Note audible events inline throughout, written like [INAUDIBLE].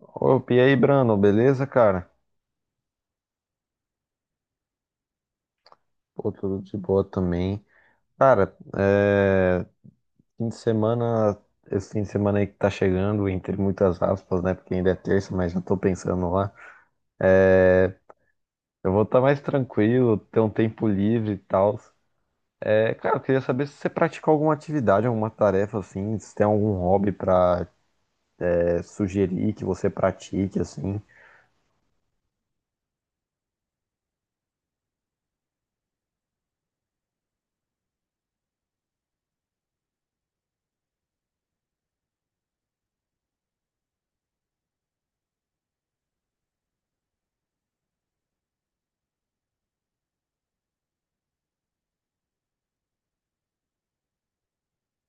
Opa, e aí, Brandon, beleza, cara? Pô, tudo de boa também. Cara, fim de semana, esse fim de semana aí que tá chegando, entre muitas aspas, né? Porque ainda é terça, mas já tô pensando lá. Eu vou estar mais tranquilo, ter um tempo livre e tal. É, cara, eu queria saber se você pratica alguma atividade, alguma tarefa, assim, se tem algum hobby pra sugerir que você pratique, assim.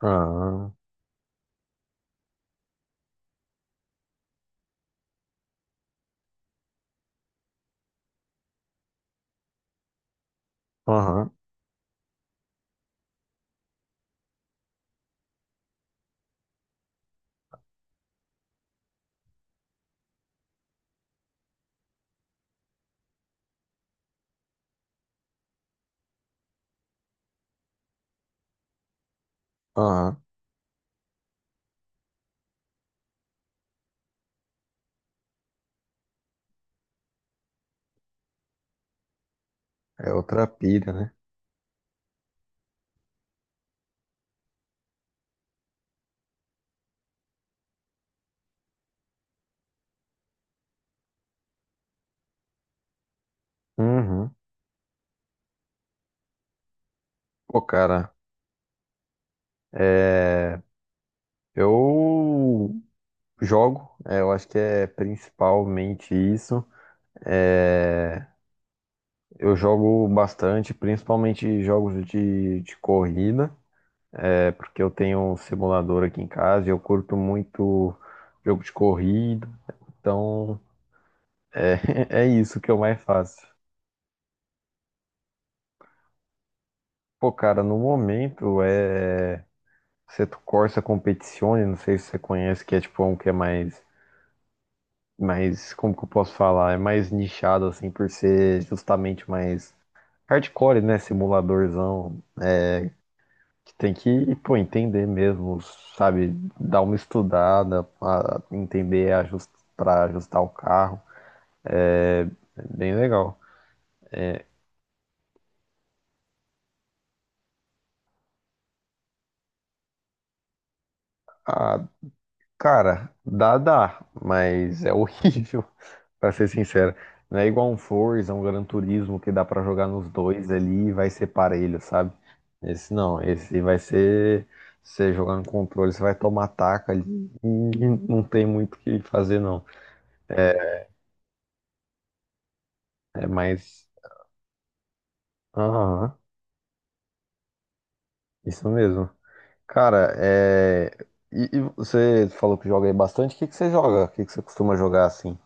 Aham, aham, aham. É outra pira, né? Uhum. Pô, cara, eu jogo, eu acho que é principalmente isso. É, eu jogo bastante, principalmente jogos de corrida, porque eu tenho um simulador aqui em casa e eu curto muito jogo de corrida. Então, é, [LAUGHS] é isso que eu mais faço. Pô, cara, no momento é Seto Corsa Competizione, não sei se você conhece, que é tipo um que é mais, como que eu posso falar? É mais nichado assim por ser justamente mais hardcore, né? Simuladorzão. É, que tem que, pô, entender mesmo, sabe? Dar uma estudada, pra entender para ajustar o carro. É é bem legal. Ah, cara, dá, mas é horrível, [LAUGHS] pra ser sincero. Não é igual um Forza, um Gran Turismo que dá pra jogar nos dois ali e vai ser parelho, sabe? Esse não, esse vai ser você jogar no controle, você vai tomar taca ali e não tem muito o que fazer, não. É é mais. Aham, isso mesmo. Cara, é. E você falou que joga aí bastante, o que que você joga? O que que você costuma jogar assim?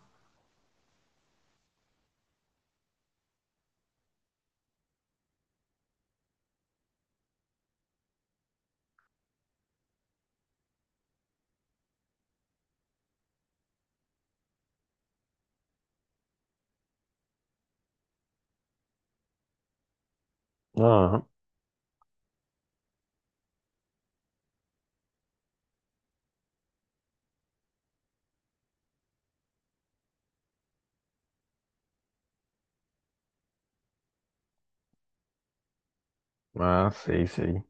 Aham, ah, sei, sei.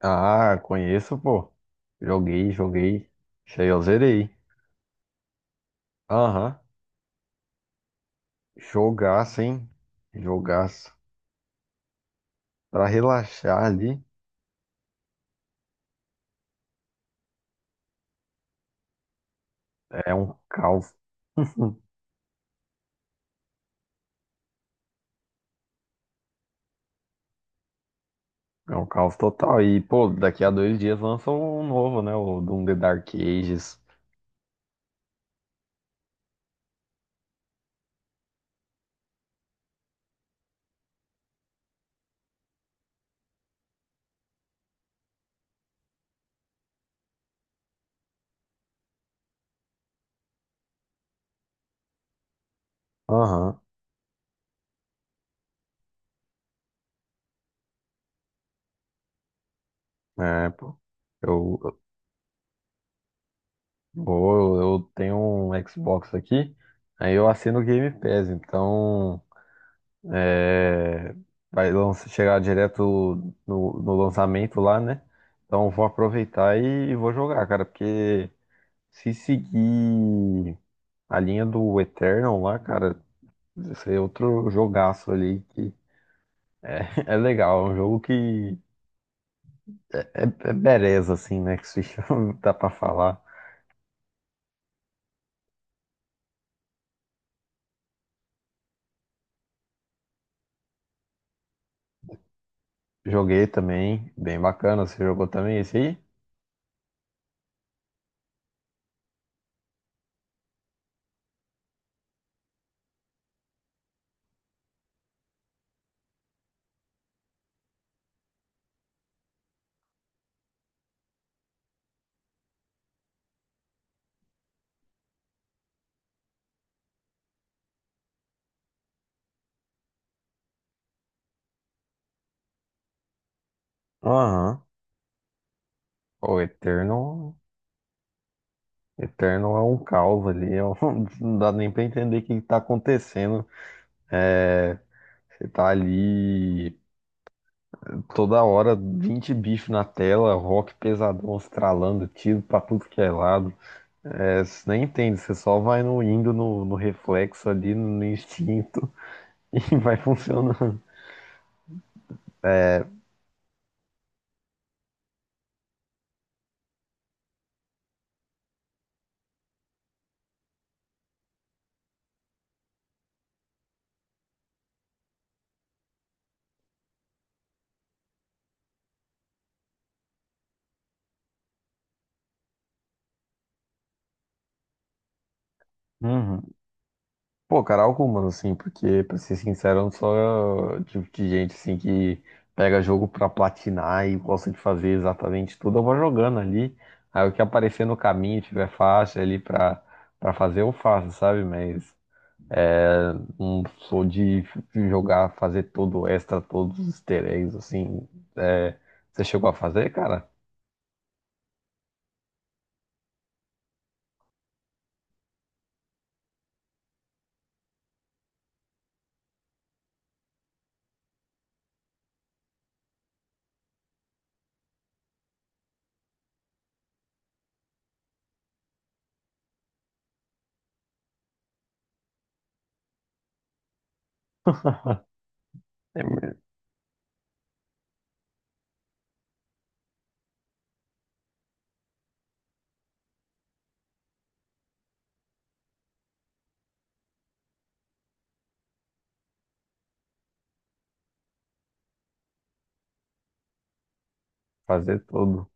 Ah, conheço, pô. Joguei, joguei. Isso aí eu zerei. Aham. Jogaço, hein? Jogaço. Pra relaxar ali, é um caos. [LAUGHS] É um caos total. E, pô, daqui a 2 dias lança um novo, né? O Doom The Dark Ages. Aham. É, pô. Eu, eu, eu tenho um Xbox aqui, aí eu assino o Game Pass, então. É, chegar direto no lançamento lá, né? Então vou aproveitar e, vou jogar, cara, porque se seguir a linha do Eternal lá, cara, esse é outro jogaço ali que é, [LAUGHS] é legal, é um jogo que é bereza, assim, né? Que se chama, [LAUGHS] dá pra falar. Joguei também, bem bacana, você jogou também esse aí? Aham. O Eternal Eterno é um caos ali, [LAUGHS] não dá nem pra entender o que que tá acontecendo. É, você tá ali toda hora, 20 bichos na tela, rock pesadão estralando, tiro pra tudo que é lado. É, você nem entende, você só vai indo no reflexo ali, no instinto, [LAUGHS] e vai funcionando. Uhum. Pô, cara, algumas, assim, porque, pra ser sincero, eu não sou o tipo de gente, assim, que pega jogo pra platinar e gosta de fazer exatamente tudo. Eu vou jogando ali, aí o que aparecer no caminho, tiver faixa ali pra fazer, eu faço, sabe? Mas não sou de jogar, fazer todo o extra, todos os easter eggs, assim. É, você chegou a fazer, cara? É, fazer tudo.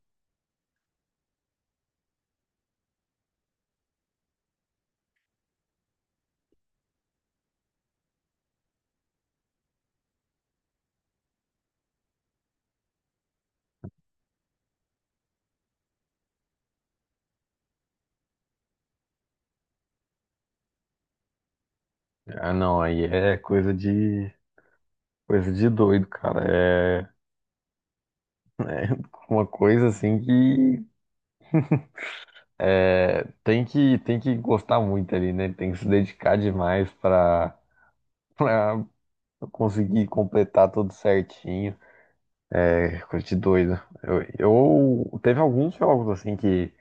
Ah, não, aí é coisa de doido, cara. É é uma coisa, assim, que. É, tem que gostar muito ali, né? Tem que se dedicar demais pra, [LAUGHS] pra conseguir completar tudo certinho. É coisa de doido. Eu, teve alguns jogos assim que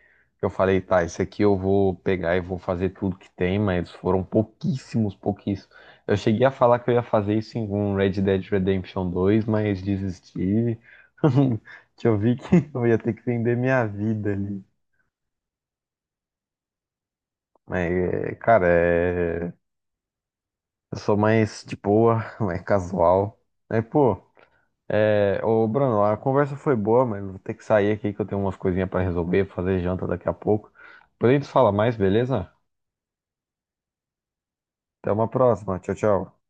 eu falei, tá, esse aqui eu vou pegar e vou fazer tudo que tem, mas foram pouquíssimos, pouquíssimos. Eu cheguei a falar que eu ia fazer isso em um Red Dead Redemption 2, mas desisti. [LAUGHS] Que eu vi que [LAUGHS] eu ia ter que vender minha vida ali. Mas, cara, é. Eu sou mais de boa, [LAUGHS] mais casual. Aí, pô, ô Bruno, a conversa foi boa, mas vou ter que sair aqui que eu tenho umas coisinhas pra resolver, fazer janta daqui a pouco. Depois a gente fala mais, beleza? Até uma próxima. Tchau, tchau.